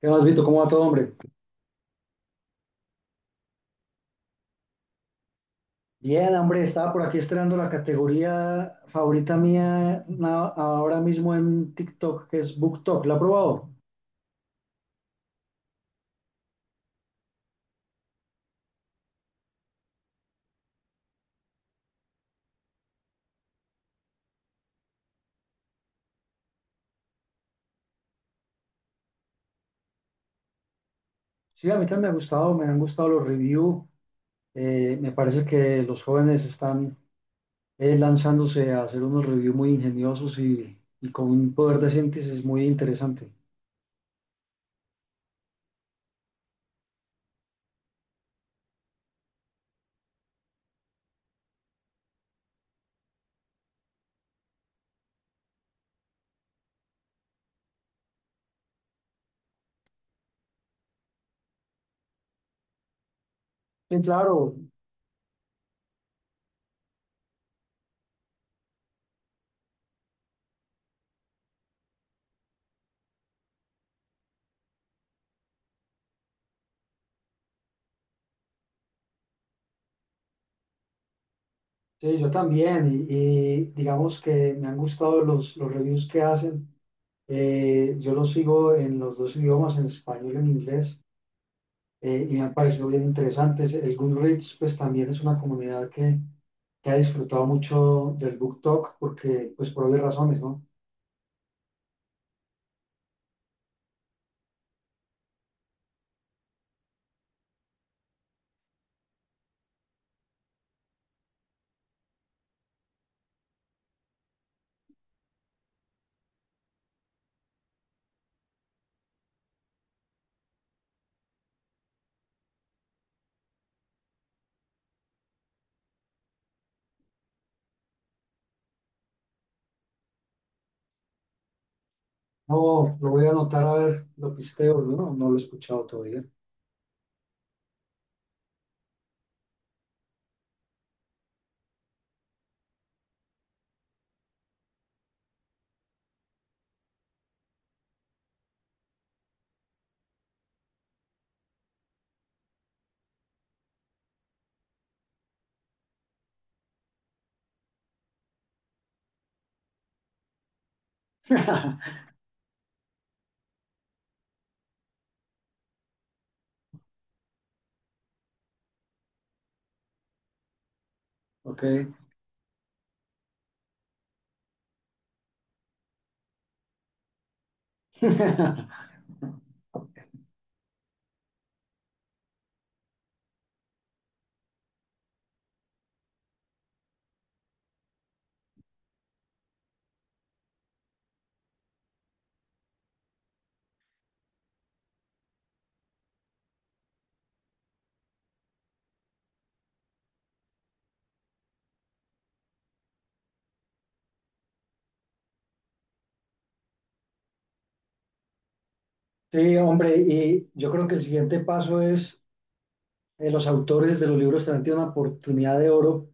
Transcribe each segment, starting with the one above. ¿Qué más, Vito? ¿Cómo va todo, hombre? Bien, hombre, estaba por aquí estrenando la categoría favorita mía ahora mismo en TikTok, que es BookTok. ¿La ha probado? Sí, a mí también me ha gustado, me han gustado los reviews. Me parece que los jóvenes están lanzándose a hacer unos reviews muy ingeniosos y con un poder de síntesis muy interesante. Sí, claro, sí, yo también. Y digamos que me han gustado los reviews que hacen. Yo los sigo en los dos idiomas, en español y en inglés, y me han parecido bien interesantes. El Goodreads, pues también es una comunidad que ha disfrutado mucho del Book Talk, porque, pues por obvias razones, ¿no? No, lo voy a anotar a ver, lo pisteo, no, no lo he escuchado todavía. Ok. Sí, hombre, y yo creo que el siguiente paso es los autores de los libros también tienen una oportunidad de oro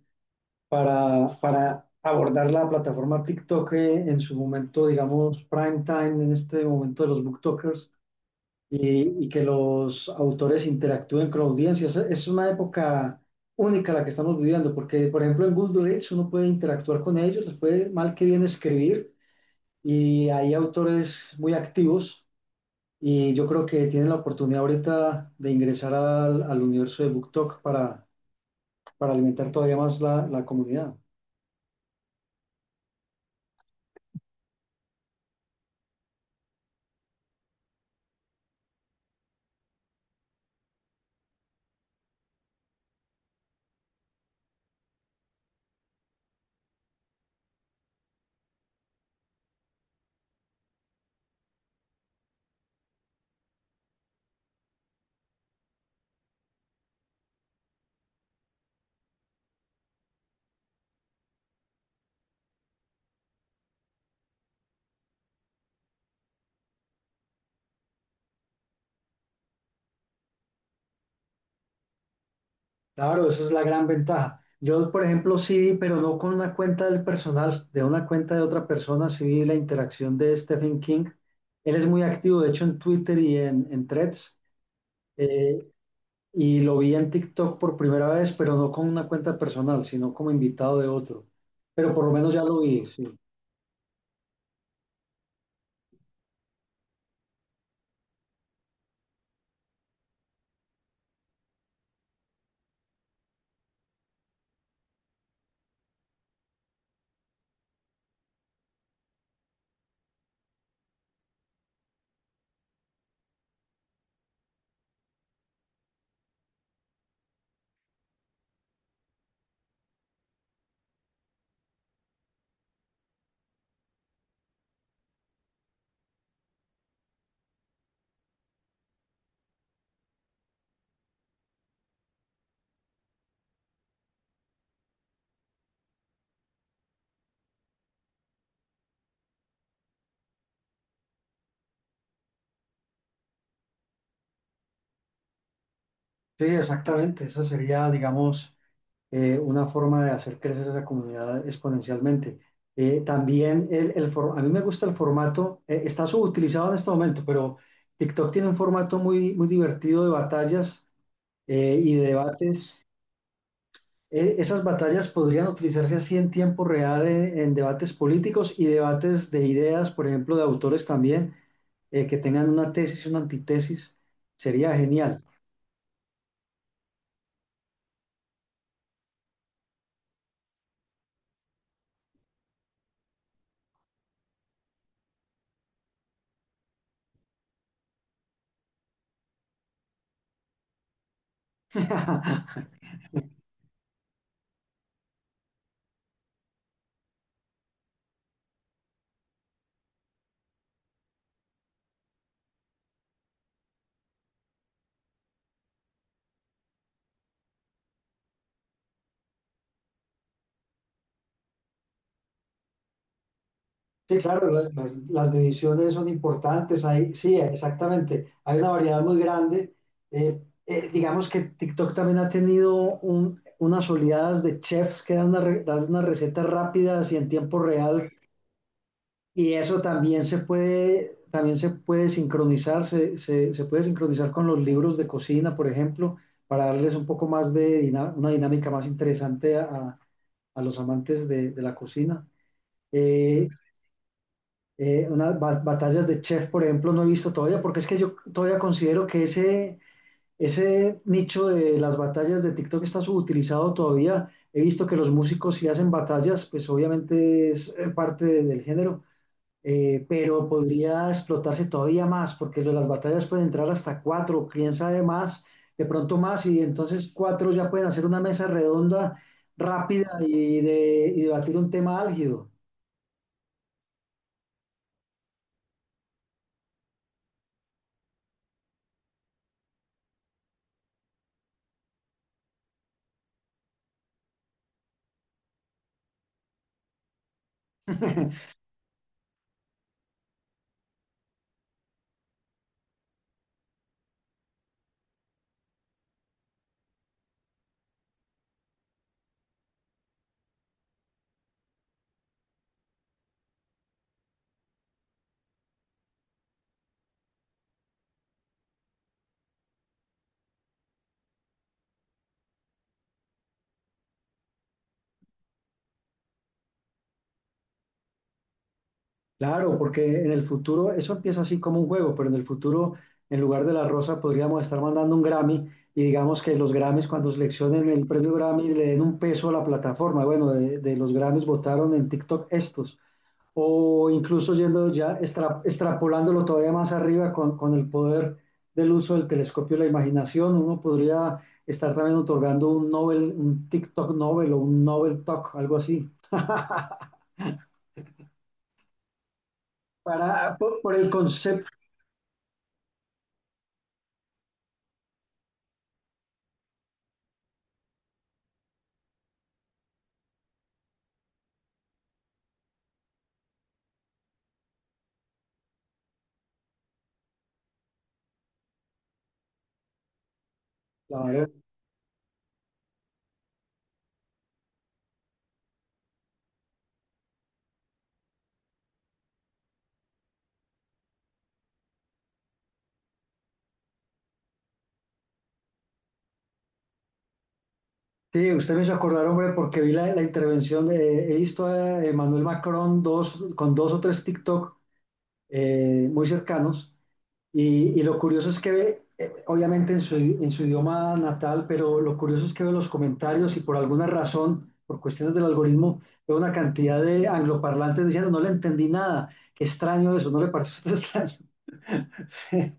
para abordar la plataforma TikTok en su momento, digamos, prime time, en este momento de los booktokers, y que los autores interactúen con la audiencia. Es una época única la que estamos viviendo, porque, por ejemplo, en Goodreads uno puede interactuar con ellos, les puede mal que bien escribir, y hay autores muy activos. Y yo creo que tienen la oportunidad ahorita de ingresar al universo de BookTok para alimentar todavía más la comunidad. Claro, esa es la gran ventaja. Yo, por ejemplo, sí vi, pero no con una cuenta del personal, de una cuenta de otra persona, sí vi la interacción de Stephen King. Él es muy activo, de hecho, en Twitter y en Threads. eh, y lo vi en TikTok por primera vez, pero no con una cuenta personal, sino como invitado de otro. Pero por lo menos ya lo vi, sí. Sí, exactamente. Esa sería, digamos. Una forma de hacer crecer esa comunidad exponencialmente. También el a mí me gusta el formato, está subutilizado en este momento, pero TikTok tiene un formato muy, muy divertido de batallas y de debates. Esas batallas podrían utilizarse así en tiempo real en debates políticos y debates de ideas, por ejemplo, de autores también, que tengan una tesis y una antitesis. Sería genial. Sí, claro, las divisiones son importantes. Hay, sí, exactamente. Hay una variedad muy grande. Digamos que TikTok también ha tenido unas oleadas de chefs que dan, dan unas recetas rápidas y en tiempo real. Y eso también se puede sincronizar, se puede sincronizar con los libros de cocina, por ejemplo, para darles un poco más de una dinámica más interesante a los amantes de la cocina. Eh, Unas batallas de chef, por ejemplo, no he visto todavía, porque es que yo todavía considero que ese nicho de las batallas de TikTok está subutilizado todavía. He visto que los músicos sí hacen batallas, pues obviamente es parte del género, pero podría explotarse todavía más, porque lo de las batallas pueden entrar hasta cuatro, quién sabe más, de pronto más, y entonces cuatro ya pueden hacer una mesa redonda rápida y, de, y debatir un tema álgido. Claro, porque en el futuro, eso empieza así como un juego, pero en el futuro, en lugar de la rosa, podríamos estar mandando un Grammy y digamos que los Grammys, cuando seleccionen el premio Grammy, le den un peso a la plataforma. Bueno, de los Grammys votaron en TikTok estos. O incluso yendo ya, extrapolándolo todavía más arriba con el poder del uso del telescopio y la imaginación, uno podría estar también otorgando un Nobel, un TikTok Nobel o un Nobel Talk, algo así, para, por el concepto. Claro. Sí, usted me hizo acordar, hombre, porque vi la, la intervención de, he visto a Emmanuel Macron dos, con dos o tres TikTok muy cercanos, y lo curioso es que ve, obviamente en su idioma natal, pero lo curioso es que ve los comentarios y por alguna razón, por cuestiones del algoritmo, veo una cantidad de angloparlantes diciendo, no le entendí nada, qué extraño eso, ¿no le pareció a usted extraño?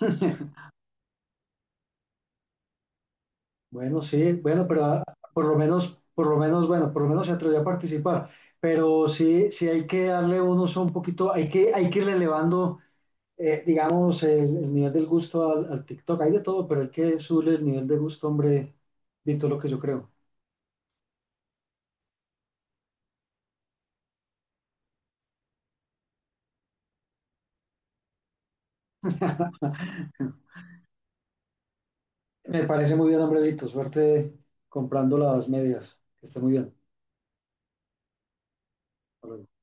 Bueno, sí, bueno, pero por lo menos, bueno, por lo menos se atrevió a participar. Pero sí, sí hay que darle un uso un poquito, hay que ir elevando, digamos, el nivel del gusto al, al TikTok. Hay de todo, pero hay que subirle el nivel de gusto, hombre, Vito, lo que yo creo. Me parece muy bien, hombre, Vito. Suerte comprando las medias. Que esté muy bien. Hasta luego.